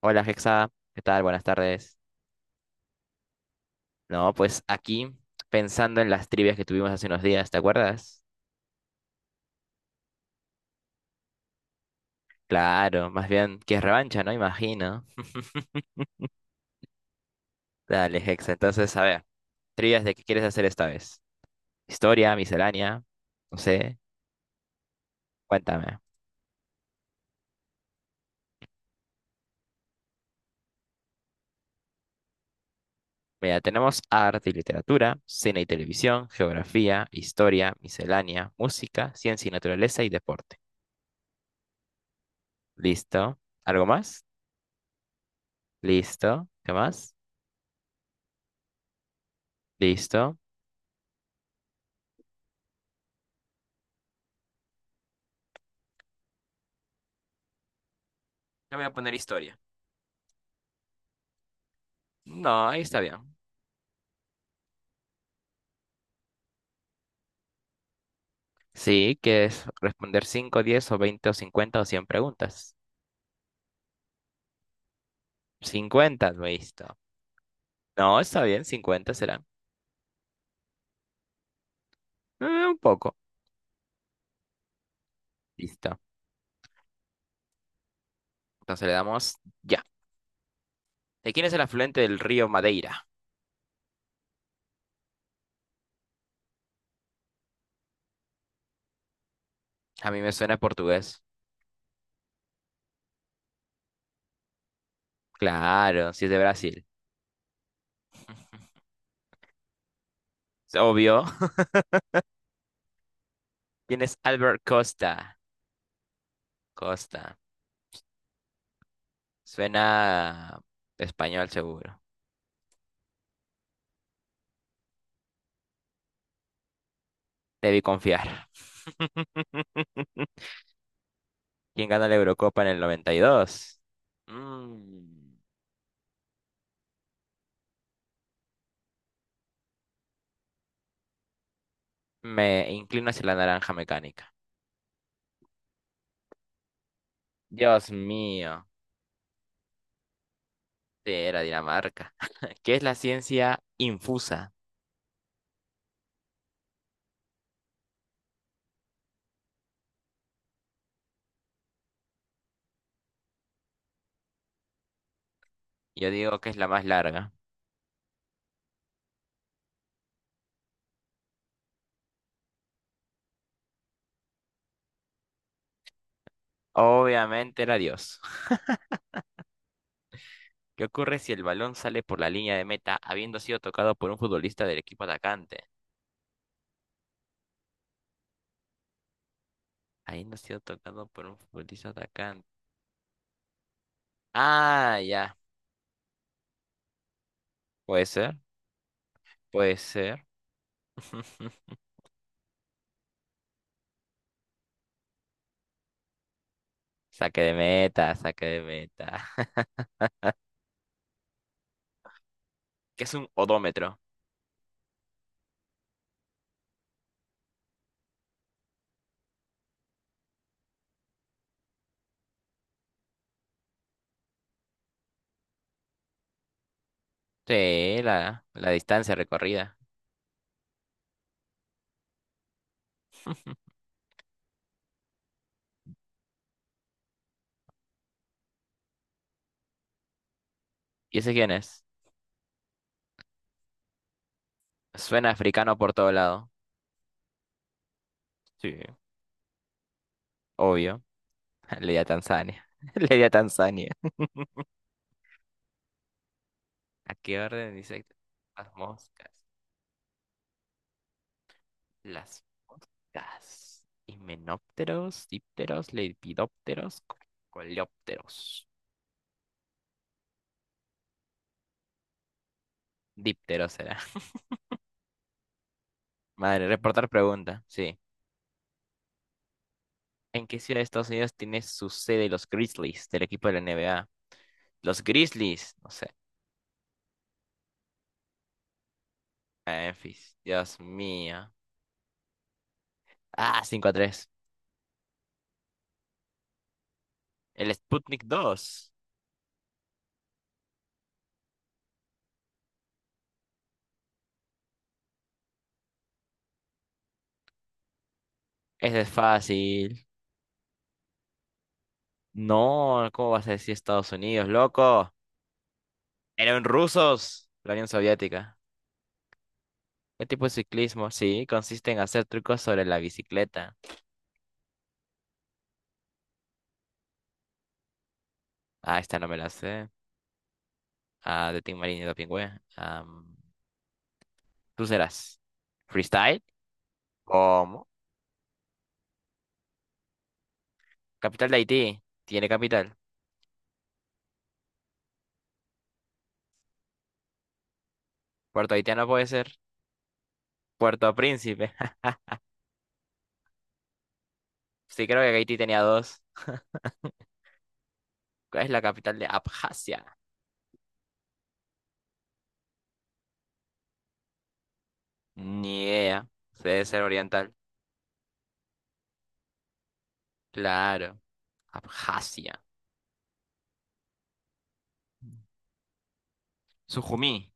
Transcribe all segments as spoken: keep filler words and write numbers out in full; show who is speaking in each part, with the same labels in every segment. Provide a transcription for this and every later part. Speaker 1: Hola Hexa, ¿qué tal? Buenas tardes. No, pues aquí pensando en las trivias que tuvimos hace unos días, ¿te acuerdas? Claro, más bien que es revancha, ¿no? Imagino. Dale Hexa, entonces a ver, trivias de qué quieres hacer esta vez. Historia, miscelánea, no sé, cuéntame. Mira, tenemos arte y literatura, cine y televisión, geografía, historia, miscelánea, música, ciencia y naturaleza y deporte. Listo. ¿Algo más? Listo. ¿Qué más? Listo. Ya voy a poner historia. No, ahí está bien. Sí, que es responder cinco, diez o veinte o cincuenta o cien preguntas. Cincuenta, listo. No, está bien, Cincuenta será. Eh, un poco. Listo. Entonces le damos ya. ¿De quién es el afluente del río Madeira? A mí me suena portugués. Claro, si es de Brasil. Es obvio. ¿Quién es Albert Costa? Costa. Suena español seguro. Debí confiar. ¿Quién gana la Eurocopa en el noventa y dos? Mm, me inclino hacia la naranja mecánica. Dios mío, sí, era Dinamarca. ¿Qué es la ciencia infusa? Yo digo que es la más larga. Obviamente era Dios. ¿Qué ocurre si el balón sale por la línea de meta habiendo sido tocado por un futbolista del equipo atacante? Habiendo sido tocado por un futbolista atacante. Ah, ya. Puede ser, puede ser. Saque de meta, saque de meta. ¿Qué es un odómetro? Sí, la, la distancia recorrida. ¿Y ese quién es? Suena africano por todo lado. Sí, obvio. Le di a Tanzania. Le di a Tanzania. ¿A qué orden insectos? Las moscas. Las moscas. Himenópteros, dípteros, lepidópteros, co- coleópteros. Dípteros será. Madre, reportar pregunta. Sí. ¿En qué ciudad de Estados Unidos tiene su sede los Grizzlies del equipo de la N B A? Los Grizzlies. No sé. Memphis. Dios mío. Ah, cinco a tres. El Sputnik dos. Ese es fácil. No, ¿cómo vas a decir Estados Unidos, loco? Eran rusos, la Unión Soviética. ¿Qué tipo de ciclismo? Sí, consiste en hacer trucos sobre la bicicleta. Ah, esta no me la sé. Ah, de Tim Marín y de Pingüe. Am, tú serás. ¿Freestyle? ¿Cómo? Capital de Haití. Tiene capital. Puerto Haitiano puede ser. Puerto Príncipe. Sí, creo que Haití tenía dos. ¿Cuál es la capital de Abjasia? Ni idea. Debe ser oriental. Claro. Abjasia. Sujumí.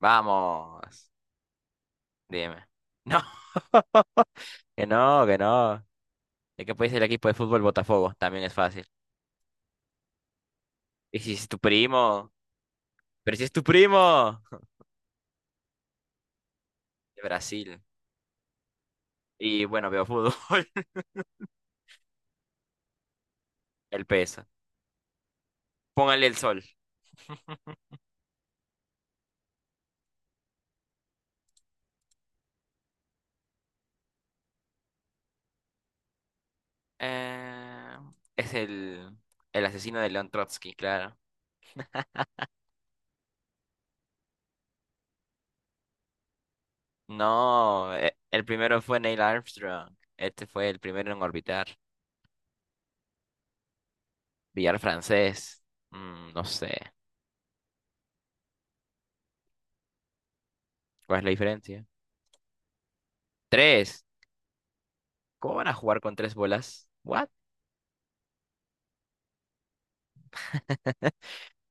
Speaker 1: Vamos. Dime. No, que no, que no. ¿De qué país es el equipo de fútbol Botafogo? También es fácil. ¿Y si es tu primo? ¿Pero si es tu primo? De Brasil. Y bueno, veo fútbol. El peso. Póngale el sol. Eh, es el, el asesino de León Trotsky, claro. No, e- el primero fue Neil Armstrong. Este fue el primero en orbitar. Billar francés. mm, no sé. ¿Cuál es la diferencia? Tres. ¿Cómo van a jugar con tres bolas? ¿What?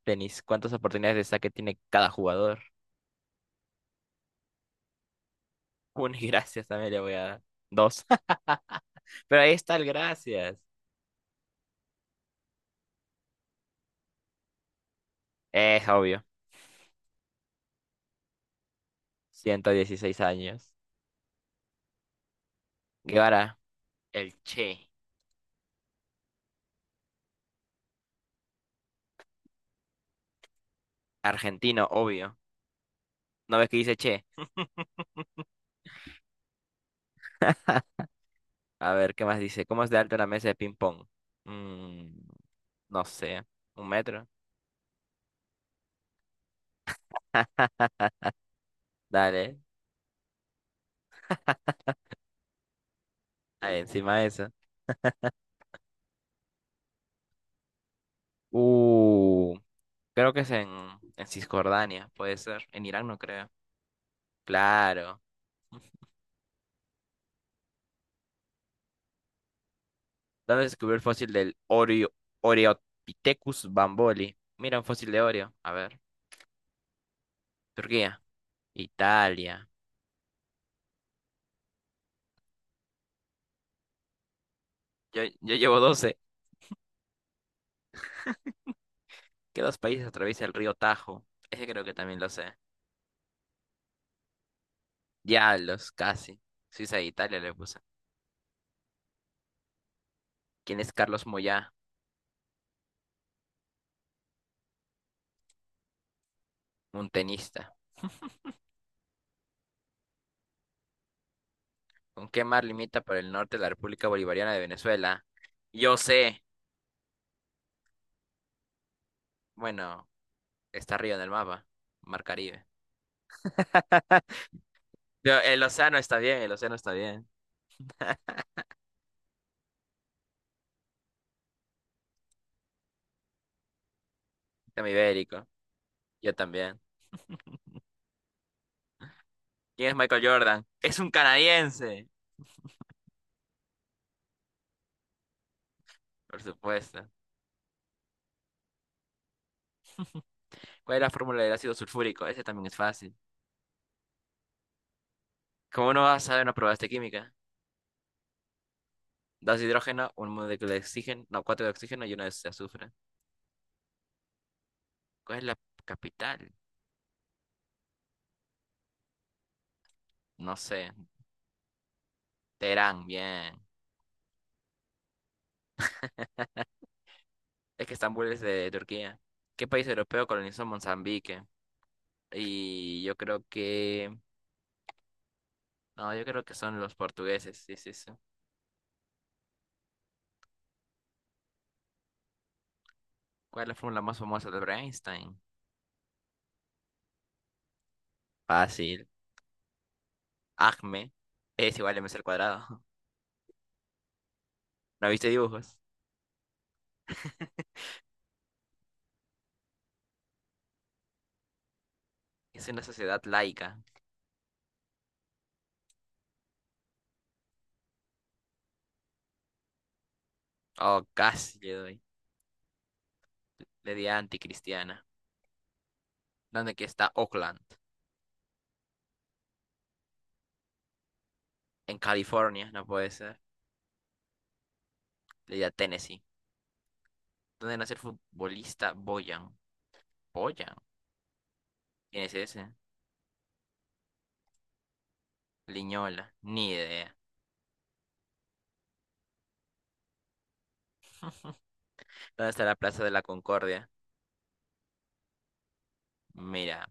Speaker 1: Tenis. ¿Cuántas oportunidades de saque tiene cada jugador? Una y gracias también le voy a dar. Dos. Pero ahí está el gracias. Es obvio. Ciento dieciséis años. Guevara, el Che. Argentino, obvio. ¿No ves que dice Che? A ver, ¿qué más dice? ¿Cómo es de alto una mesa de ping-pong? Mm, no sé. ¿Un metro? Dale. Ahí encima de eso. Uh. Creo que es en, en, Cisjordania, puede ser. En Irán no creo. Claro. ¿Dónde se descubrió el fósil del Oreo, Oreopithecus bamboli? Mira, un fósil de Oreo. A ver. Turquía. Italia. Yo, yo llevo doce. ¿Qué dos países atraviesa el río Tajo? Ese creo que también lo sé. Diablos, casi. Suiza e Italia le puse. ¿Quién es Carlos Moyá? Un tenista. ¿Con qué mar limita por el norte la República Bolivariana de Venezuela? Yo sé. Bueno, está arriba en el mapa. Mar Caribe. Yo- el océano está bien, el océano está bien. Tema ibérico. Yo también. ¿Quién es Michael Jordan? Es un canadiense. Por supuesto. ¿Cuál es la fórmula del ácido sulfúrico? Ese también es fácil. ¿Cómo no vas a saber una prueba de química? Dos de hidrógeno, un molécula de oxígeno, no, cuatro de oxígeno y una de azufre. ¿Cuál es la capital? No sé. Teherán, bien. Es que Estambul es de Turquía. ¿Qué país europeo colonizó Mozambique? Y yo creo que... No, yo creo que son los portugueses. Sí, sí, sí. ¿Cuál es la fórmula más famosa de Albert Einstein? Fácil. ACME es igual a M C al cuadrado. ¿No viste dibujos? Es una sociedad laica. Oh, casi le doy. Le di a anticristiana. ¿Dónde que está Oakland? En California, no puede ser. Le di a Tennessee. ¿Dónde nace el futbolista Boyan? ¿Boyan? ¿Quién es ese? Liñola. Ni idea. ¿Dónde está la Plaza de la Concordia? Mira,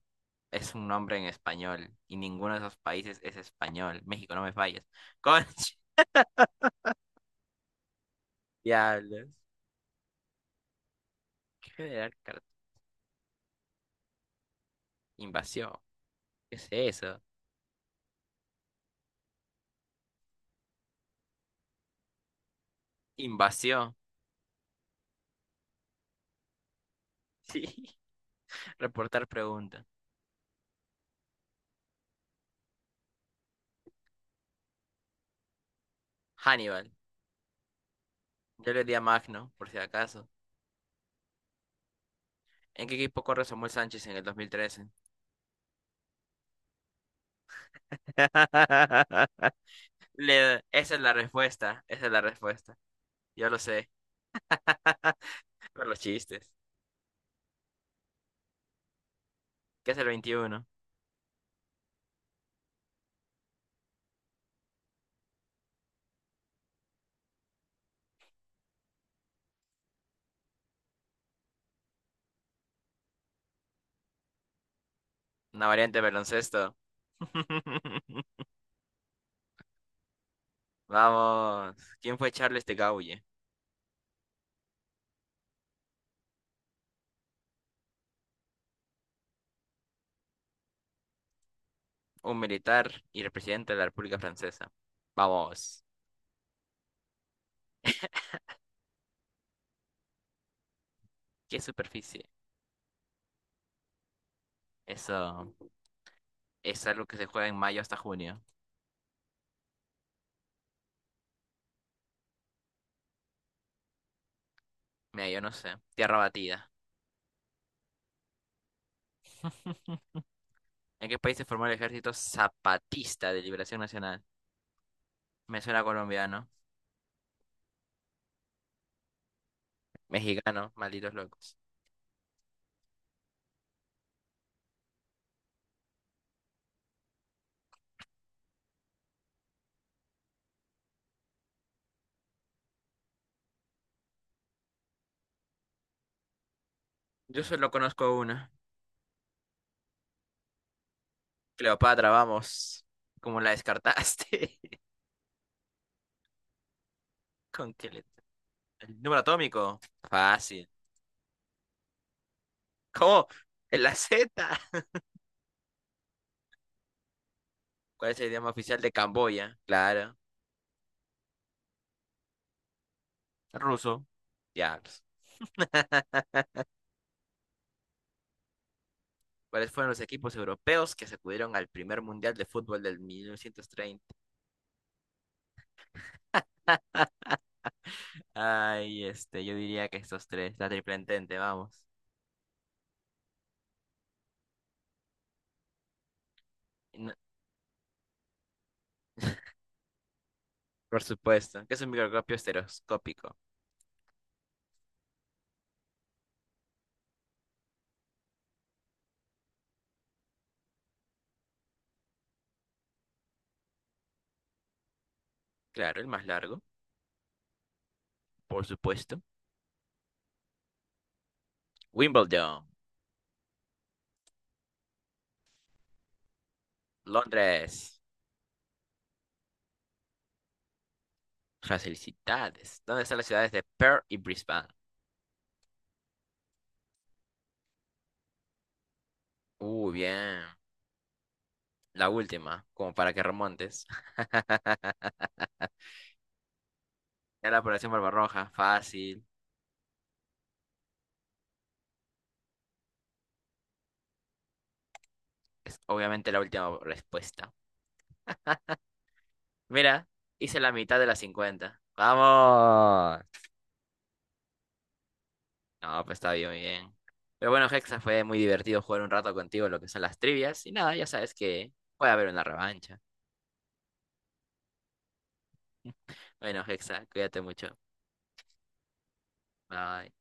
Speaker 1: es un nombre en español. Y ninguno de esos países es español. México, no me falles. Conche, diablos. Crear carta. Invasión. ¿Qué es eso? Invasión. Sí. Reportar pregunta. Hannibal. Yo le di a Magno, por si acaso. ¿En qué equipo corre Samuel Sánchez en el dos mil trece? Le- esa es la respuesta. Esa es la respuesta. Yo lo sé. Por los chistes. ¿Qué es el veintiuno? Una variante de baloncesto. Vamos. ¿Quién fue Charles de Gaulle? Un militar y el presidente de la República Francesa. Vamos. ¿Qué superficie? Eso. Es algo que se juega en mayo hasta junio. Mira, yo no sé. Tierra batida. ¿En qué país se formó el Ejército Zapatista de Liberación Nacional? Me suena colombiano, mexicano, malditos locos. Yo solo conozco uno. Cleopatra, vamos. ¿Cómo la descartaste? ¿Con qué letra? ¿El número atómico? Fácil. ¿Cómo? ¿En la Z? ¿Cuál es el idioma oficial de Camboya? Claro. Ruso. Ya, pues. ¿Cuáles fueron los equipos europeos que acudieron al primer mundial de fútbol del mil novecientos treinta? Ay, este, yo diría que estos tres, la triple entente, vamos. No- por supuesto, que es un microscopio estereoscópico. Claro, el más largo, por supuesto. Wimbledon, Londres. Facilidades. ¿Dónde están las ciudades de Perth y Brisbane? Uh, bien. La última, como para que remontes. Era la población barbarroja, fácil. Es obviamente la última respuesta. Mira, hice la mitad de las cincuenta. ¡Vamos! No, pues está bien, muy bien. Pero bueno, Hexa, fue muy divertido jugar un rato contigo lo que son las trivias. Y nada, ya sabes que puede haber una revancha. Bueno, Hexa, cuídate mucho. Bye.